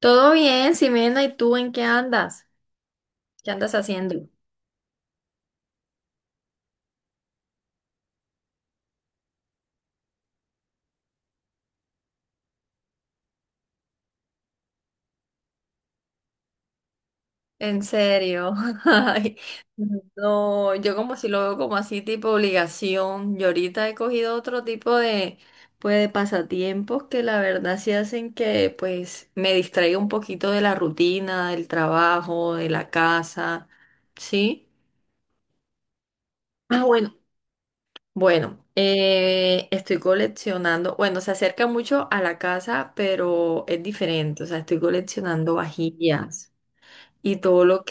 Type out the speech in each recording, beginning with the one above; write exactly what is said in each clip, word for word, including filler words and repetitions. Todo bien, Ximena, ¿y tú en qué andas? ¿Qué andas haciendo? En serio. Ay, no, yo como si lo veo como así tipo obligación. Yo ahorita he cogido otro tipo de, pues, de pasatiempos que la verdad sí hacen que pues me distraiga un poquito de la rutina, del trabajo, de la casa. ¿Sí? Ah, bueno, Bueno, eh, estoy coleccionando, bueno, se acerca mucho a la casa, pero es diferente, o sea, estoy coleccionando vajillas y todo lo...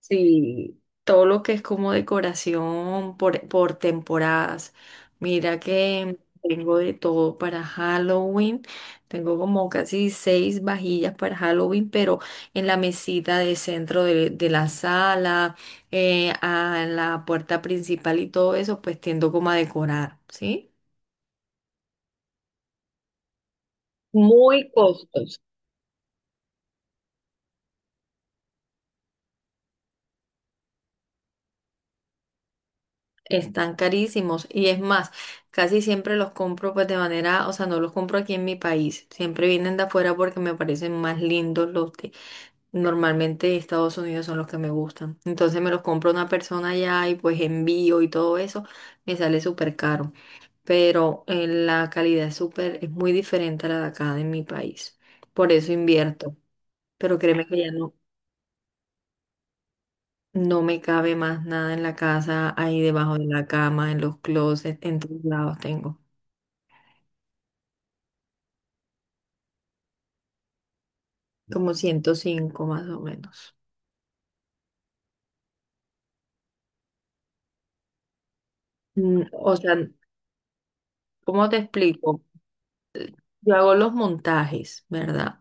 Sí, todo lo que es como decoración por, por temporadas. Mira que tengo de todo para Halloween. Tengo como casi seis vajillas para Halloween, pero en la mesita de centro de, de la sala, eh, a la puerta principal y todo eso, pues tiendo como a decorar, ¿sí? Muy costoso. Están carísimos y es más, casi siempre los compro pues de manera, o sea, no los compro aquí en mi país, siempre vienen de afuera porque me parecen más lindos los de... normalmente de Estados Unidos son los que me gustan, entonces me los compro una persona allá y pues envío y todo eso, me sale súper caro, pero eh, la calidad es súper, es muy diferente a la de acá de mi país, por eso invierto, pero créeme que ya no, no me cabe más nada en la casa, ahí debajo de la cama, en los closets, en todos lados tengo. Como ciento cinco más o menos. Mm, O sea, ¿cómo te explico? Yo hago los montajes, ¿verdad?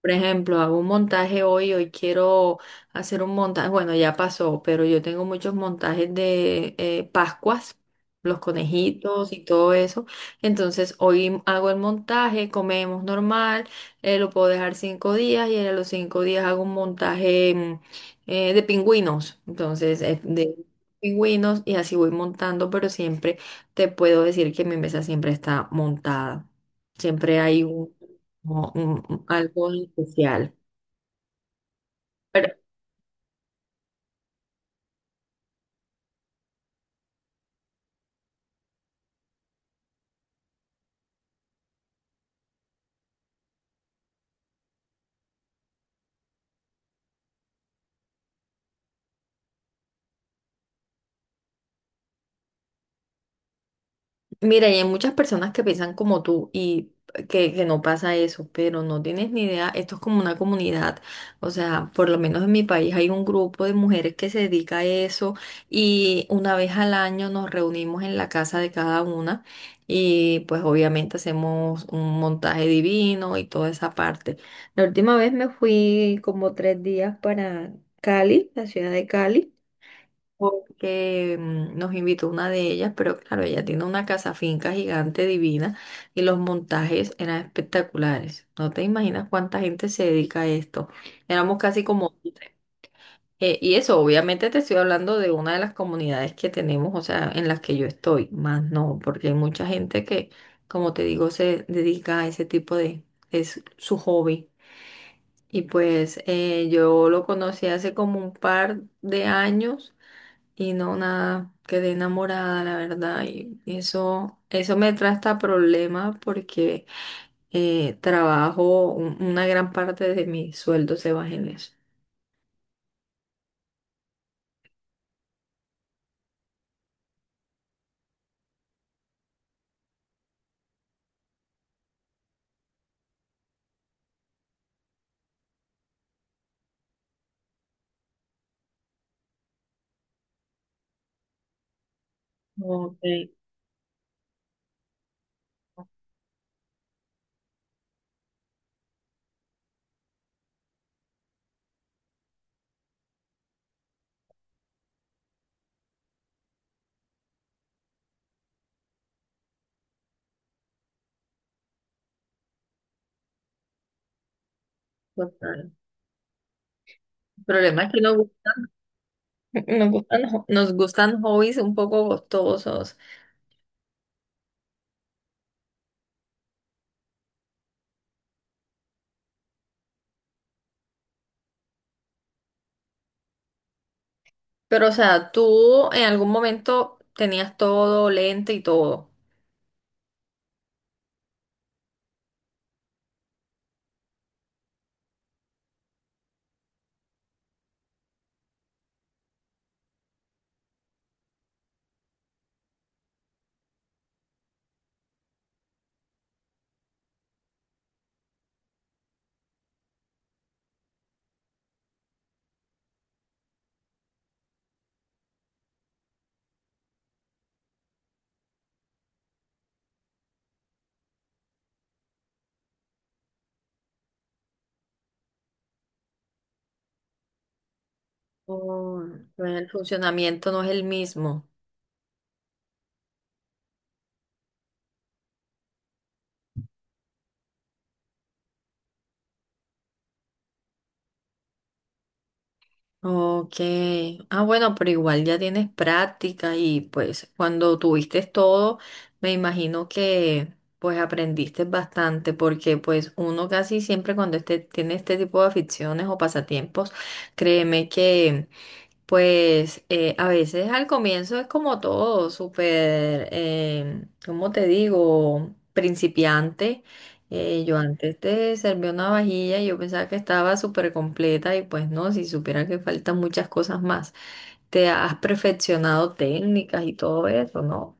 Por ejemplo, hago un montaje hoy, hoy quiero hacer un montaje, bueno, ya pasó, pero yo tengo muchos montajes de eh, Pascuas, los conejitos y todo eso. Entonces, hoy hago el montaje, comemos normal, eh, lo puedo dejar cinco días y a los cinco días hago un montaje mm, eh, de pingüinos. Entonces, eh, de pingüinos y así voy montando, pero siempre te puedo decir que mi mesa siempre está montada. Siempre hay un como un- un- algo en especial. Pero mira, y hay muchas personas que piensan como tú y que, que no pasa eso, pero no tienes ni idea, esto es como una comunidad, o sea, por lo menos en mi país hay un grupo de mujeres que se dedica a eso y una vez al año nos reunimos en la casa de cada una y pues obviamente hacemos un montaje divino y toda esa parte. La última vez me fui como tres días para Cali, la ciudad de Cali. Porque mm, nos invitó una de ellas, pero claro, ella tiene una casa finca gigante divina y los montajes eran espectaculares. No te imaginas cuánta gente se dedica a esto. Éramos casi como... eh, y eso, obviamente te estoy hablando de una de las comunidades que tenemos, o sea, en las que yo estoy, más no, porque hay mucha gente que, como te digo, se dedica a ese tipo de... es su hobby. Y pues eh, yo lo conocí hace como un par de años. Y no, nada, quedé enamorada, la verdad. Y eso, eso me trae hasta problemas porque eh, trabajo, un- una gran parte de mi sueldo se va en eso. Ok, total. El problema es que nos, gu- nos gustan, jo- nos gustan hobbies un poco costosos. Pero, o sea, tú en algún momento tenías todo lente y todo. Oh, el funcionamiento no es el mismo. Ok. Ah, bueno, pero igual ya tienes práctica y pues cuando tuviste todo, me imagino que pues aprendiste bastante porque pues uno casi siempre cuando este, tiene este tipo de aficiones o pasatiempos, créeme que... Pues eh, a veces al comienzo es como todo, súper, eh, ¿cómo te digo? Principiante. Eh, yo antes te serví una vajilla y yo pensaba que estaba súper completa y pues no, si supiera que faltan muchas cosas más. Te has perfeccionado técnicas y todo eso, ¿no?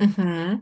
Ujú.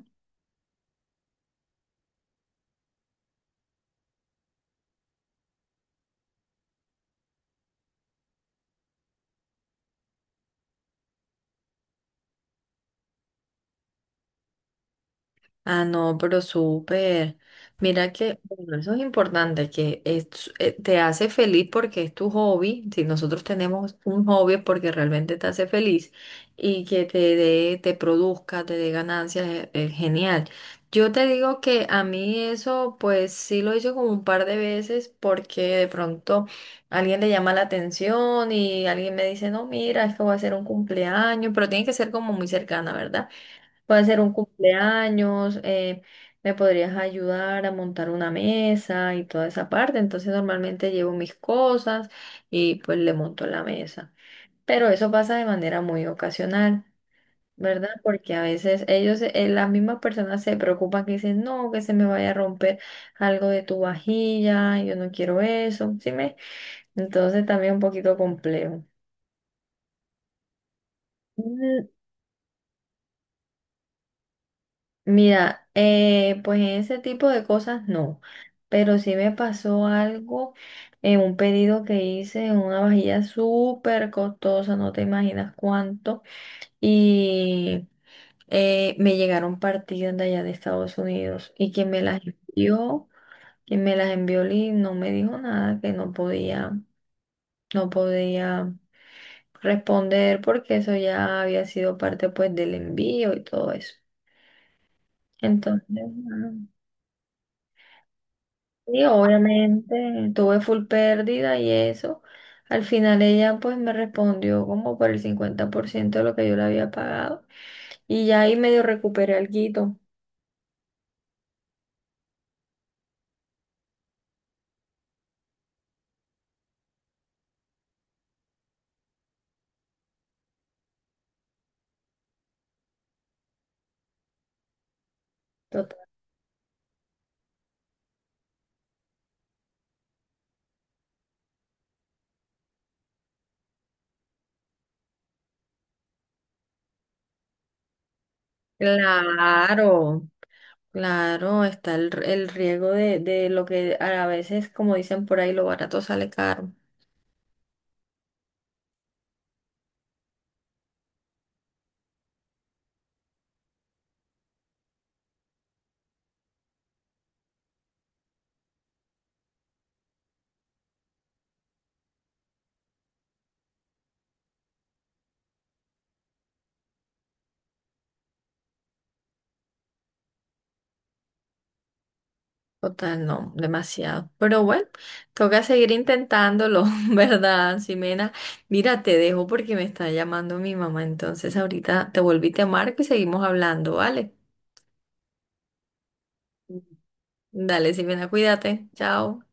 Ah, no, pero súper. Mira que, bueno, eso es importante, que es- eh, te hace feliz porque es tu hobby. Si nosotros tenemos un hobby es porque realmente te hace feliz y que te dé, te produzca, te dé ganancias, eh, eh, genial. Yo te digo que a mí eso, pues sí lo hice como un par de veces porque de pronto alguien le llama la atención y alguien me dice, no, mira, es que voy a hacer un cumpleaños, pero tiene que ser como muy cercana, ¿verdad? Puede ser un cumpleaños, eh, me podrías ayudar a montar una mesa y toda esa parte. Entonces normalmente llevo mis cosas y pues le monto la mesa. Pero eso pasa de manera muy ocasional, ¿verdad? Porque a veces ellos, eh, las mismas personas se preocupan que dicen, no, que se me vaya a romper algo de tu vajilla, yo no quiero eso, ¿sí me? Entonces también un poquito complejo. Mm, Mira, eh, pues en ese tipo de cosas no, pero sí me pasó algo en un pedido que hice en una vajilla súper costosa, no te imaginas cuánto, y eh, me llegaron partidas de allá de Estados Unidos y quien me las envió, quien me las envió Lee, no me dijo nada, que no podía, no podía responder porque eso ya había sido parte pues del envío y todo eso. Entonces, sí, obviamente, tuve full pérdida y eso. Al final ella pues me respondió como por el cincuenta por ciento de lo que yo le había pagado y ya ahí medio recuperé alguito. Total. Claro, claro, está el, el riesgo de, de lo que a veces, como dicen por ahí, lo barato sale caro. Total, no, demasiado. Pero bueno, toca seguir intentándolo, ¿verdad, Ximena? Mira, te dejo porque me está llamando mi mamá, entonces ahorita te volví, te marco y seguimos hablando, ¿vale? Dale, Ximena, cuídate. Chao.